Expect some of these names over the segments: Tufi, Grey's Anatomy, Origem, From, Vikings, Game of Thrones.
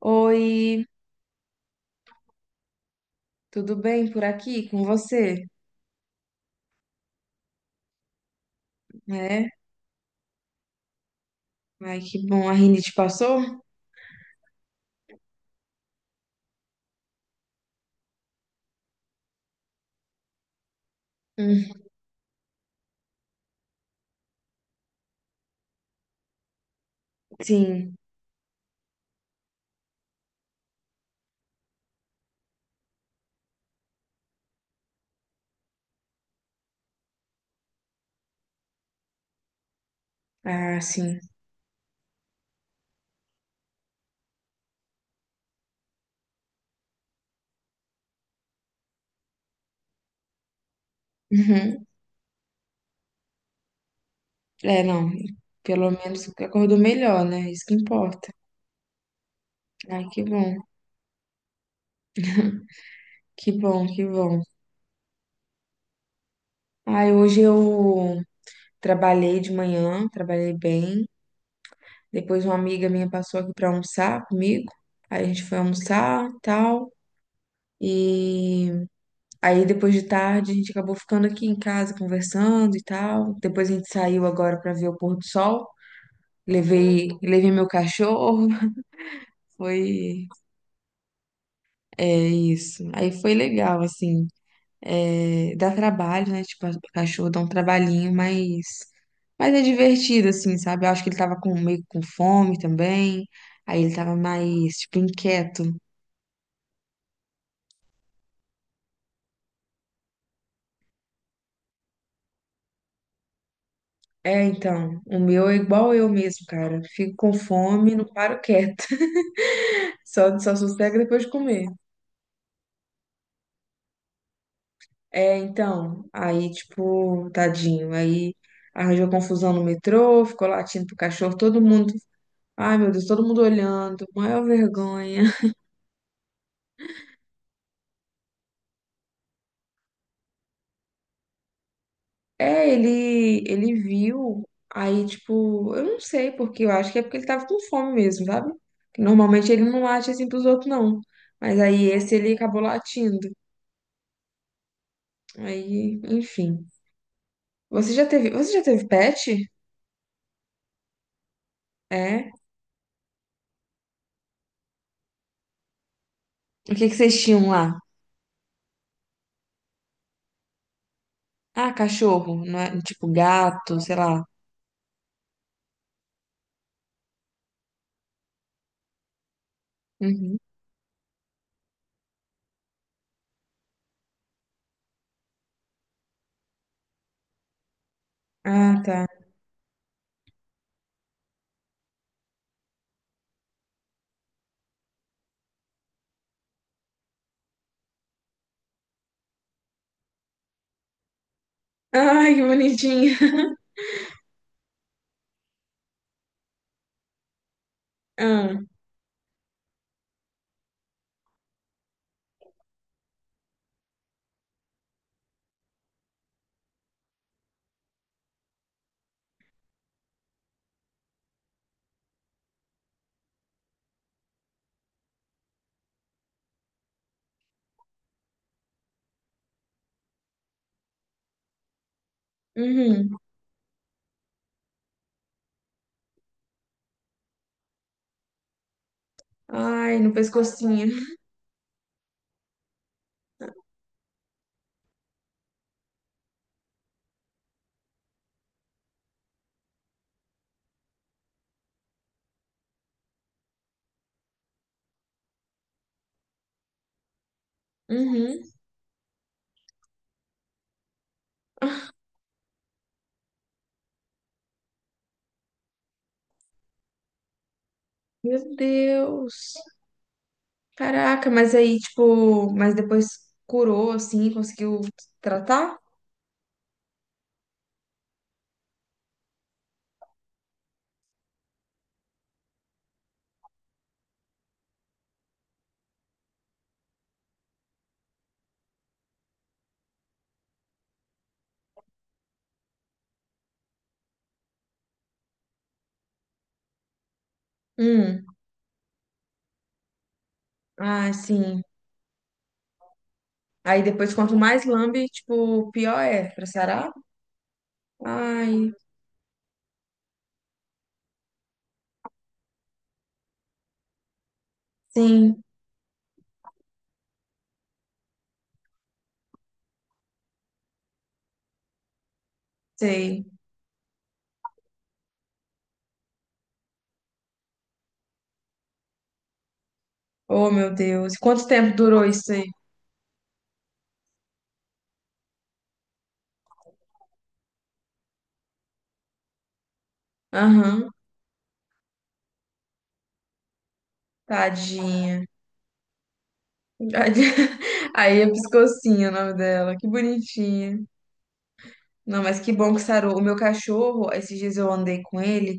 Oi, tudo bem por aqui com você? É? Ai, que bom, a rinite passou? Hum, sim, ah, sim. Uhum. É, não, pelo menos acordou melhor, né? Isso que importa. Ai, que bom, que bom, que bom. Ai, hoje eu trabalhei de manhã, trabalhei bem. Depois uma amiga minha passou aqui pra almoçar comigo. Aí a gente foi almoçar, tal, e aí depois de tarde a gente acabou ficando aqui em casa conversando e tal. Depois a gente saiu agora para ver o pôr do sol. Levei meu cachorro. Foi, é isso. Aí foi legal, assim. É, dá trabalho, né? Tipo, o cachorro dá um trabalhinho, mas é divertido, assim, sabe? Eu acho que ele tava com, meio com fome também. Aí ele tava mais, tipo, inquieto. É, então, o meu é igual eu mesmo, cara. Fico com fome, não paro quieto. Só sossego depois de comer. É, então, aí, tipo, tadinho. Aí arranjou confusão no metrô, ficou latindo pro cachorro, todo mundo. Ai, meu Deus, todo mundo olhando, maior vergonha. É, ele viu, aí, tipo, eu não sei porque, eu acho que é porque ele tava com fome mesmo, sabe? Que normalmente ele não late assim pros outros, não. Mas aí esse ele acabou latindo. Aí, enfim. Você já teve pet? É? O que que vocês tinham lá? Ah, cachorro, não é? Tipo, gato, sei lá. Uhum. Ah, tá. Ai, que bonitinha. Ah, uhum. Ai, no pescocinho. Uhum. Meu Deus. Caraca, mas aí, tipo, mas depois curou, assim, conseguiu tratar? Hum. Ah, sim. Aí depois, quanto mais lambe, tipo, pior é pra sarar? Ai, sim, sei. Oh, meu Deus. E quanto tempo durou isso aí? Aham, tadinha. Aí é Piscocinha o nome dela. Que bonitinha. Não, mas que bom que sarou. O meu cachorro, esses dias eu andei com ele,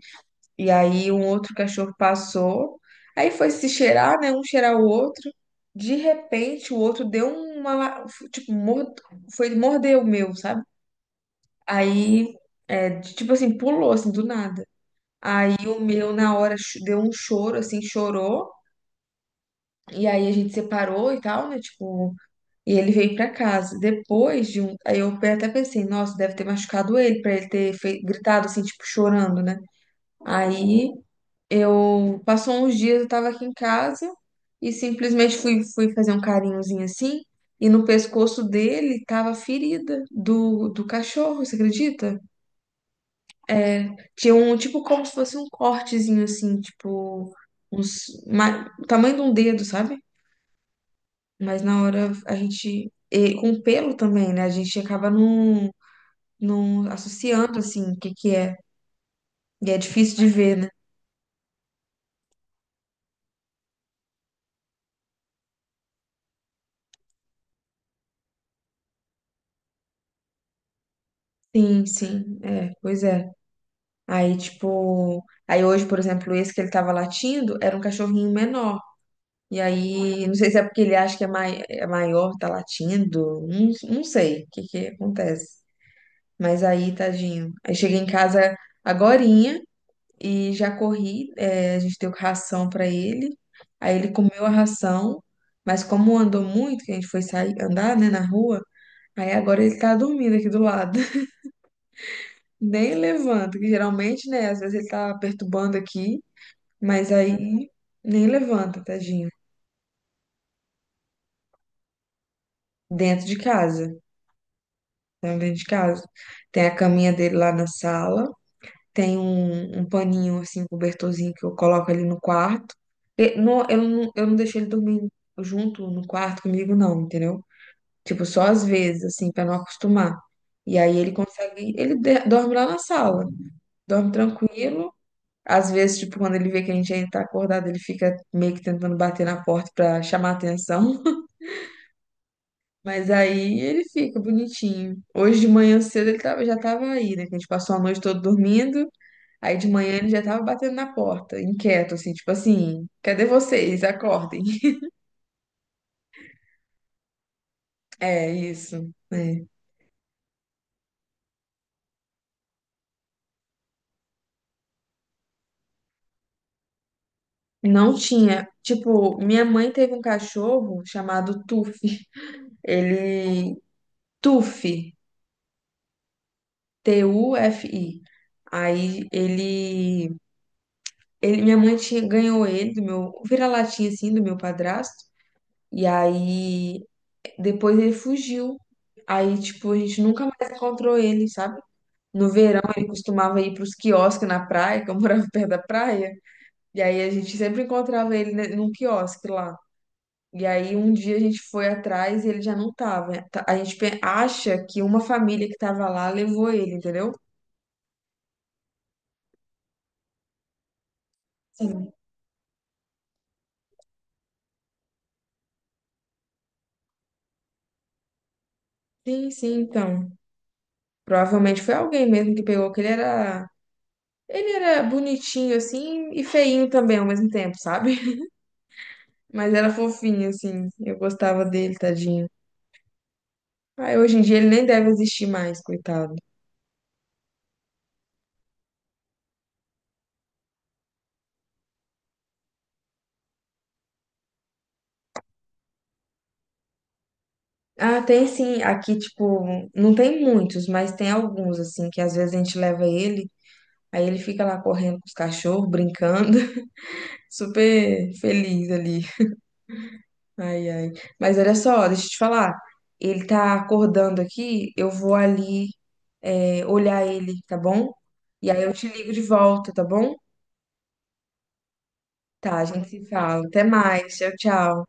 e aí um outro cachorro passou, aí foi se cheirar, né? Um cheirar o outro. De repente, o outro deu uma. La- tipo, mord... foi morder o meu, sabe? Aí, é, tipo assim, pulou, assim, do nada. Aí o meu, na hora, cho- deu um choro, assim, chorou. E aí a gente separou e tal, né? Tipo, e ele veio pra casa. Depois de um. Aí eu até pensei, nossa, deve ter machucado ele pra ele ter fei- gritado assim, tipo, chorando, né? Aí eu. Passou uns dias, eu tava aqui em casa e simplesmente fui, fui fazer um carinhozinho assim. E no pescoço dele tava a ferida do cachorro, você acredita? Tinha um, tipo, como se fosse um cortezinho assim, tipo. Uns, ma- o tamanho de um dedo, sabe? Mas na hora a gente. E com pelo também, né? A gente acaba não associando assim o que que é. E é difícil de ver, né? Sim, sim, é, pois é. Aí, tipo, aí hoje, por exemplo, esse que ele tava latindo era um cachorrinho menor. E aí, não sei se é porque ele acha que é, mai é maior, tá latindo, não, não sei o que que acontece. Mas aí, tadinho. Aí cheguei em casa agorinha e já corri, é, a gente deu ração pra ele. Aí ele comeu a ração, mas como andou muito, que a gente foi sair, andar, né, na rua, aí agora ele tá dormindo aqui do lado. Nem levanta, que geralmente, né? Às vezes ele tá perturbando aqui, mas aí nem levanta, tadinho. Dentro de casa, tá dentro de casa. Tem a caminha dele lá na sala, tem um, um paninho, assim, cobertorzinho que eu coloco ali no quarto. E não- eu, não, eu não deixo ele dormir junto no quarto comigo, não, entendeu? Tipo, só às vezes, assim, pra não acostumar. E aí ele consegue, ele de- dorme lá na sala, dorme tranquilo. Às vezes, tipo, quando ele vê que a gente ainda tá acordado, ele fica meio que tentando bater na porta pra chamar atenção. Mas aí ele fica bonitinho. Hoje de manhã cedo ele tava, já tava aí, né? Que a gente passou a noite toda dormindo. Aí de manhã ele já tava batendo na porta, inquieto, assim, tipo assim, cadê vocês? Acordem. É isso, né? Não tinha. Tipo, minha mãe teve um cachorro chamado Tufi. Ele. Tufi. Tufi. Aí ele. Ele, minha mãe tinha, ganhou ele do meu o vira-latinha assim do meu padrasto. E aí depois ele fugiu. Aí tipo a gente nunca mais encontrou ele, sabe? No verão ele costumava ir para os quiosques na praia, que eu morava perto da praia. E aí a gente sempre encontrava ele ne- num quiosque lá. E aí um dia a gente foi atrás e ele já não tava. Tá- a gente pe- acha que uma família que tava lá levou ele, entendeu? Sim, sim, sim, então. Provavelmente foi alguém mesmo que pegou, que ele era. Ele era bonitinho, assim, e feinho também ao mesmo tempo, sabe? Mas era fofinho, assim. Eu gostava dele, tadinho. Ah, hoje em dia ele nem deve existir mais, coitado. Ah, tem sim. Aqui, tipo, não tem muitos, mas tem alguns, assim, que às vezes a gente leva ele, aí ele fica lá correndo com os cachorros, brincando, super feliz ali. Ai, ai. Mas olha só, deixa eu te falar. Ele tá acordando aqui, eu vou ali, é, olhar ele, tá bom? E aí eu te ligo de volta, tá bom? Tá, a gente se fala. Até mais. Tchau, tchau.